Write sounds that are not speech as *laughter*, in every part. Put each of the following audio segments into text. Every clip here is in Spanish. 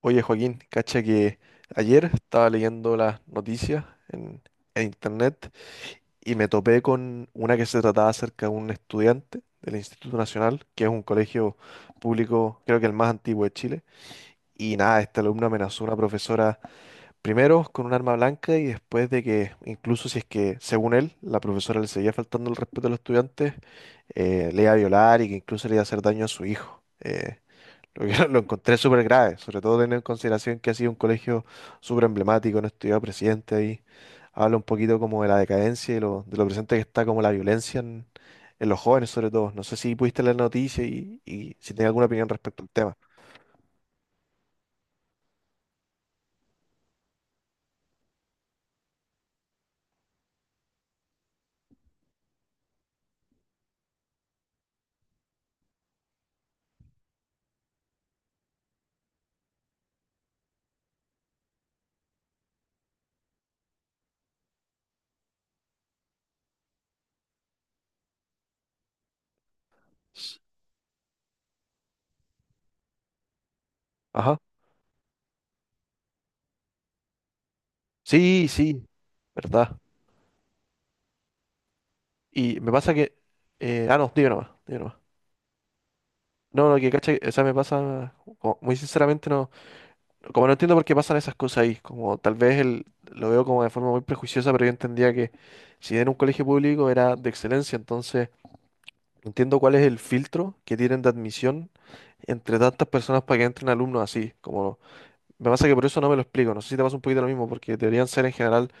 Oye, Joaquín, cacha que ayer estaba leyendo las noticias en, en internet y me topé con una que se trataba acerca de un estudiante del Instituto Nacional, que es un colegio público, creo que el más antiguo de Chile. Y nada, este alumno amenazó a una profesora primero con un arma blanca y después de que, incluso si es que, según él, la profesora le seguía faltando el respeto a los estudiantes, le iba a violar y que incluso le iba a hacer daño a su hijo. *laughs* Lo encontré súper grave, sobre todo teniendo en consideración que ha sido un colegio súper emblemático, no estudiaba presidente ahí. Habla un poquito como de la decadencia y de lo presente que está como la violencia en los jóvenes, sobre todo. No sé si pudiste leer la noticia y si tienes alguna opinión respecto al tema. Ajá. Sí, sí, verdad. Y me pasa que... no, dime nomás, dime nomás. No, lo que cacha, o sea, me pasa, muy sinceramente no. Como no entiendo por qué pasan esas cosas ahí, como tal vez lo veo como de forma muy prejuiciosa, pero yo entendía que si era un colegio público era de excelencia, entonces entiendo cuál es el filtro que tienen de admisión entre tantas personas para que entren alumnos así, como me pasa que por eso no me lo explico, no sé si te pasa un poquito lo mismo, porque deberían ser en general,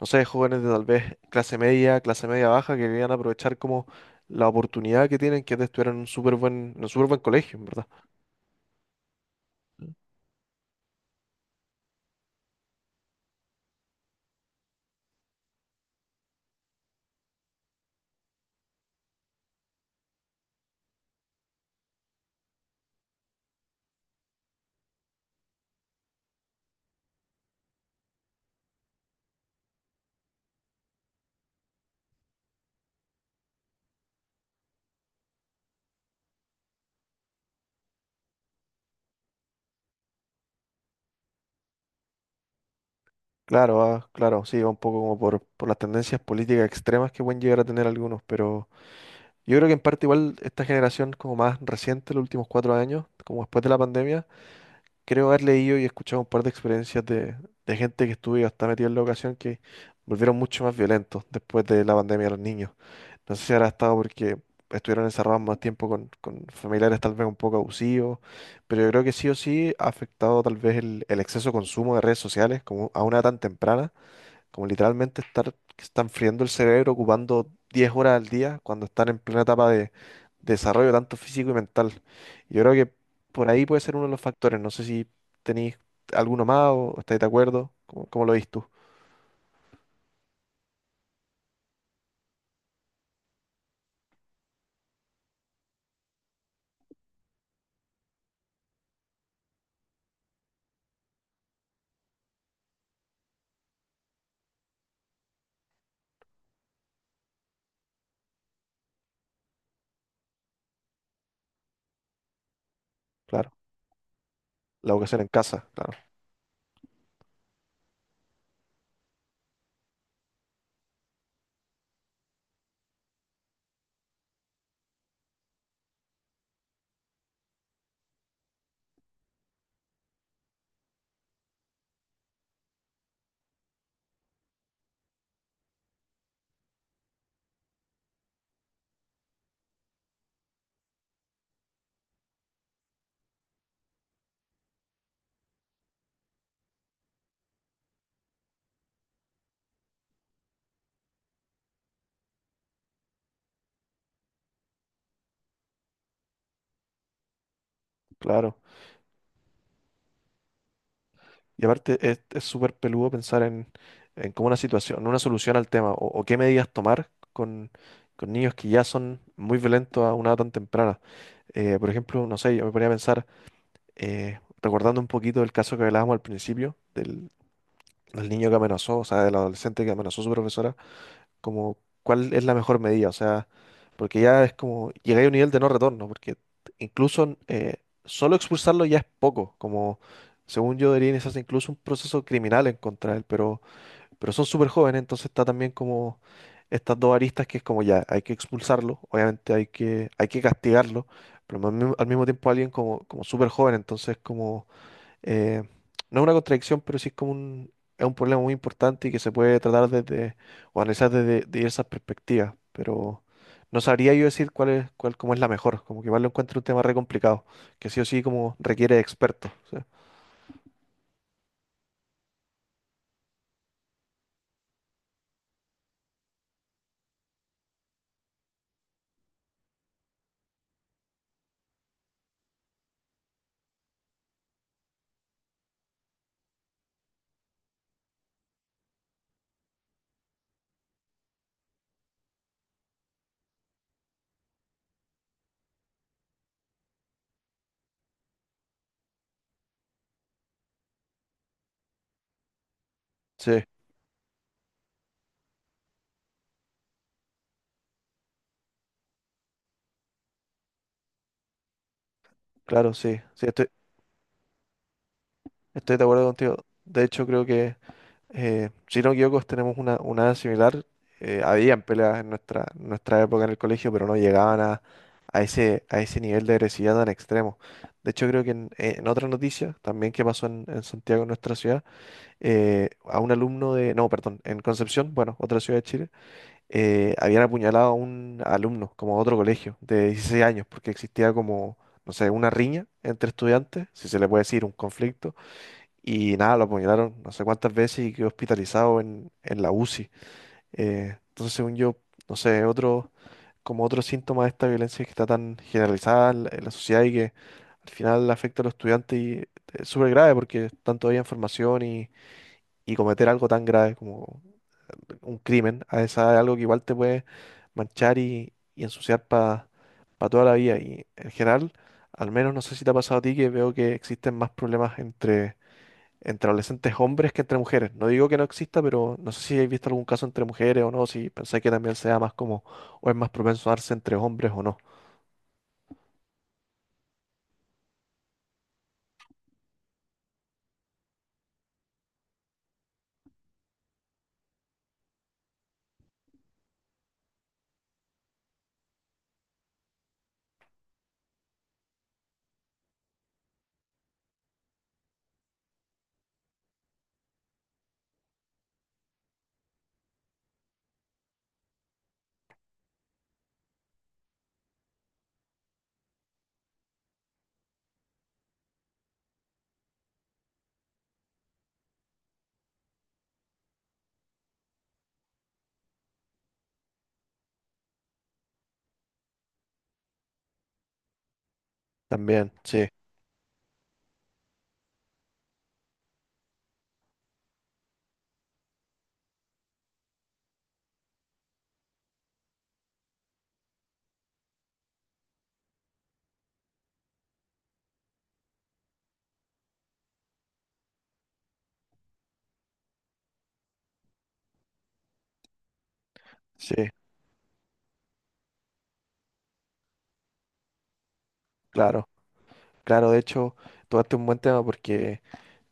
no sé, jóvenes de tal vez clase media baja, que querían aprovechar como la oportunidad que tienen, que es de estudiar en un súper en un súper buen colegio, en verdad. Claro, ah, claro, sí, va un poco como por las tendencias políticas extremas que pueden llegar a tener algunos, pero yo creo que en parte igual esta generación como más reciente, los últimos 4 años, como después de la pandemia, creo haber leído y escuchado un par de experiencias de gente que estuvo y está metida en la ocasión que volvieron mucho más violentos después de la pandemia los niños. No sé si habrá estado porque estuvieron encerrados más tiempo con familiares tal vez un poco abusivos, pero yo creo que sí o sí ha afectado tal vez el exceso de consumo de redes sociales como a una edad tan temprana como literalmente estar, que están friendo el cerebro ocupando 10 horas al día cuando están en plena etapa de desarrollo tanto físico y mental. Yo creo que por ahí puede ser uno de los factores. No sé si tenéis alguno más o estáis de acuerdo. ¿Cómo, cómo lo veis tú? Claro. La educación en casa, claro, claro. Y aparte es súper peludo pensar en como una situación, una solución al tema o qué medidas tomar con niños que ya son muy violentos a una edad tan temprana. Por ejemplo, no sé, yo me ponía a pensar recordando un poquito el caso que hablábamos al principio, del niño que amenazó, o sea, del adolescente que amenazó a su profesora, como cuál es la mejor medida, o sea, porque ya es como, llegué a un nivel de no retorno, porque incluso solo expulsarlo ya es poco, como según yo debería iniciarse incluso un proceso criminal en contra de él, pero son súper jóvenes, entonces está también como estas dos aristas que es como ya, hay que expulsarlo, obviamente hay que castigarlo, pero al mismo tiempo alguien como, como súper joven, entonces como eh, no es una contradicción, pero sí es como es un problema muy importante y que se puede tratar desde, o analizar desde diversas perspectivas, pero no sabría yo decir cuál es, cuál, cómo es la mejor, como que igual lo encuentro un tema re complicado, que sí o sí como requiere de expertos. O sí, claro, sí, sí, estoy de acuerdo contigo. De hecho, creo que si no me equivoco, tenemos una edad similar. Habían peleas en nuestra, nuestra época en el colegio, pero no llegaban a ese nivel de agresividad tan extremo. De hecho, creo que en otra noticia, también que pasó en Santiago, en nuestra ciudad, a un alumno de, no, perdón, en Concepción, bueno, otra ciudad de Chile, habían apuñalado a un alumno, como a otro colegio, de 16 años, porque existía como, no sé, una riña entre estudiantes, si se le puede decir, un conflicto y nada, lo apuñalaron no sé cuántas veces y quedó hospitalizado en la UCI. Entonces, según yo, no sé, otro, como otro síntoma de esta violencia que está tan generalizada en la sociedad y que al final afecta a los estudiantes y es súper grave porque están todavía en formación y cometer algo tan grave como un crimen a esa edad es algo que igual te puede manchar y ensuciar para toda la vida. Y en general, al menos no sé si te ha pasado a ti que veo que existen más problemas entre adolescentes hombres que entre mujeres. No digo que no exista, pero no sé si habéis visto algún caso entre mujeres o no, si pensáis que también sea más como, o es más propenso a darse entre hombres o no. También, sí, sí, claro. Claro, de hecho, tocaste un buen tema porque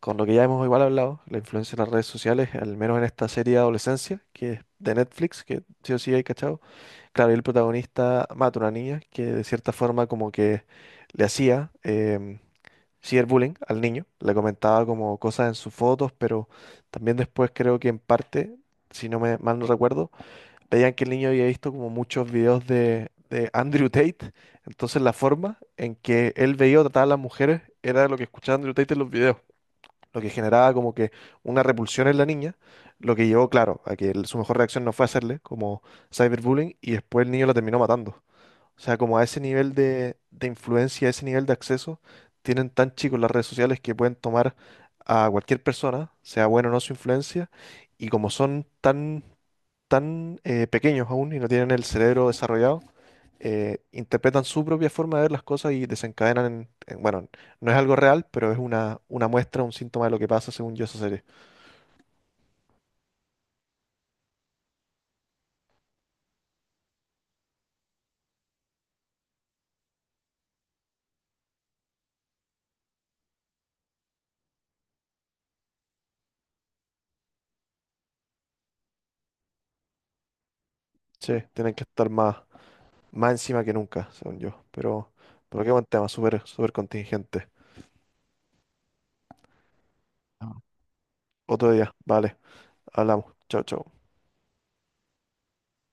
con lo que ya hemos igual hablado, la influencia de las redes sociales, al menos en esta serie de adolescencia, que es de Netflix, que sí o sí hay cachado, claro, y el protagonista mata a una niña que de cierta forma como que le hacía, cyberbullying al niño, le comentaba como cosas en sus fotos, pero también después creo que en parte, si no me mal no recuerdo, veían que el niño había visto como muchos videos de Andrew Tate, entonces la forma en que él veía o trataba a las mujeres era lo que escuchaba Andrew Tate en los videos, lo que generaba como que una repulsión en la niña, lo que llevó, claro, a que su mejor reacción no fue hacerle como cyberbullying y después el niño la terminó matando. O sea, como a ese nivel de influencia, a ese nivel de acceso, tienen tan chicos las redes sociales que pueden tomar a cualquier persona, sea bueno o no su influencia, y como son tan, pequeños aún y no tienen el cerebro desarrollado, interpretan su propia forma de ver las cosas y desencadenan en, bueno, no es algo real, pero es una muestra, un síntoma de lo que pasa según yo esa serie. Sí, tienen que estar más, más encima que nunca, según yo. Pero qué buen tema, súper, súper contingente. Otro día, vale. Hablamos. Chao, chao.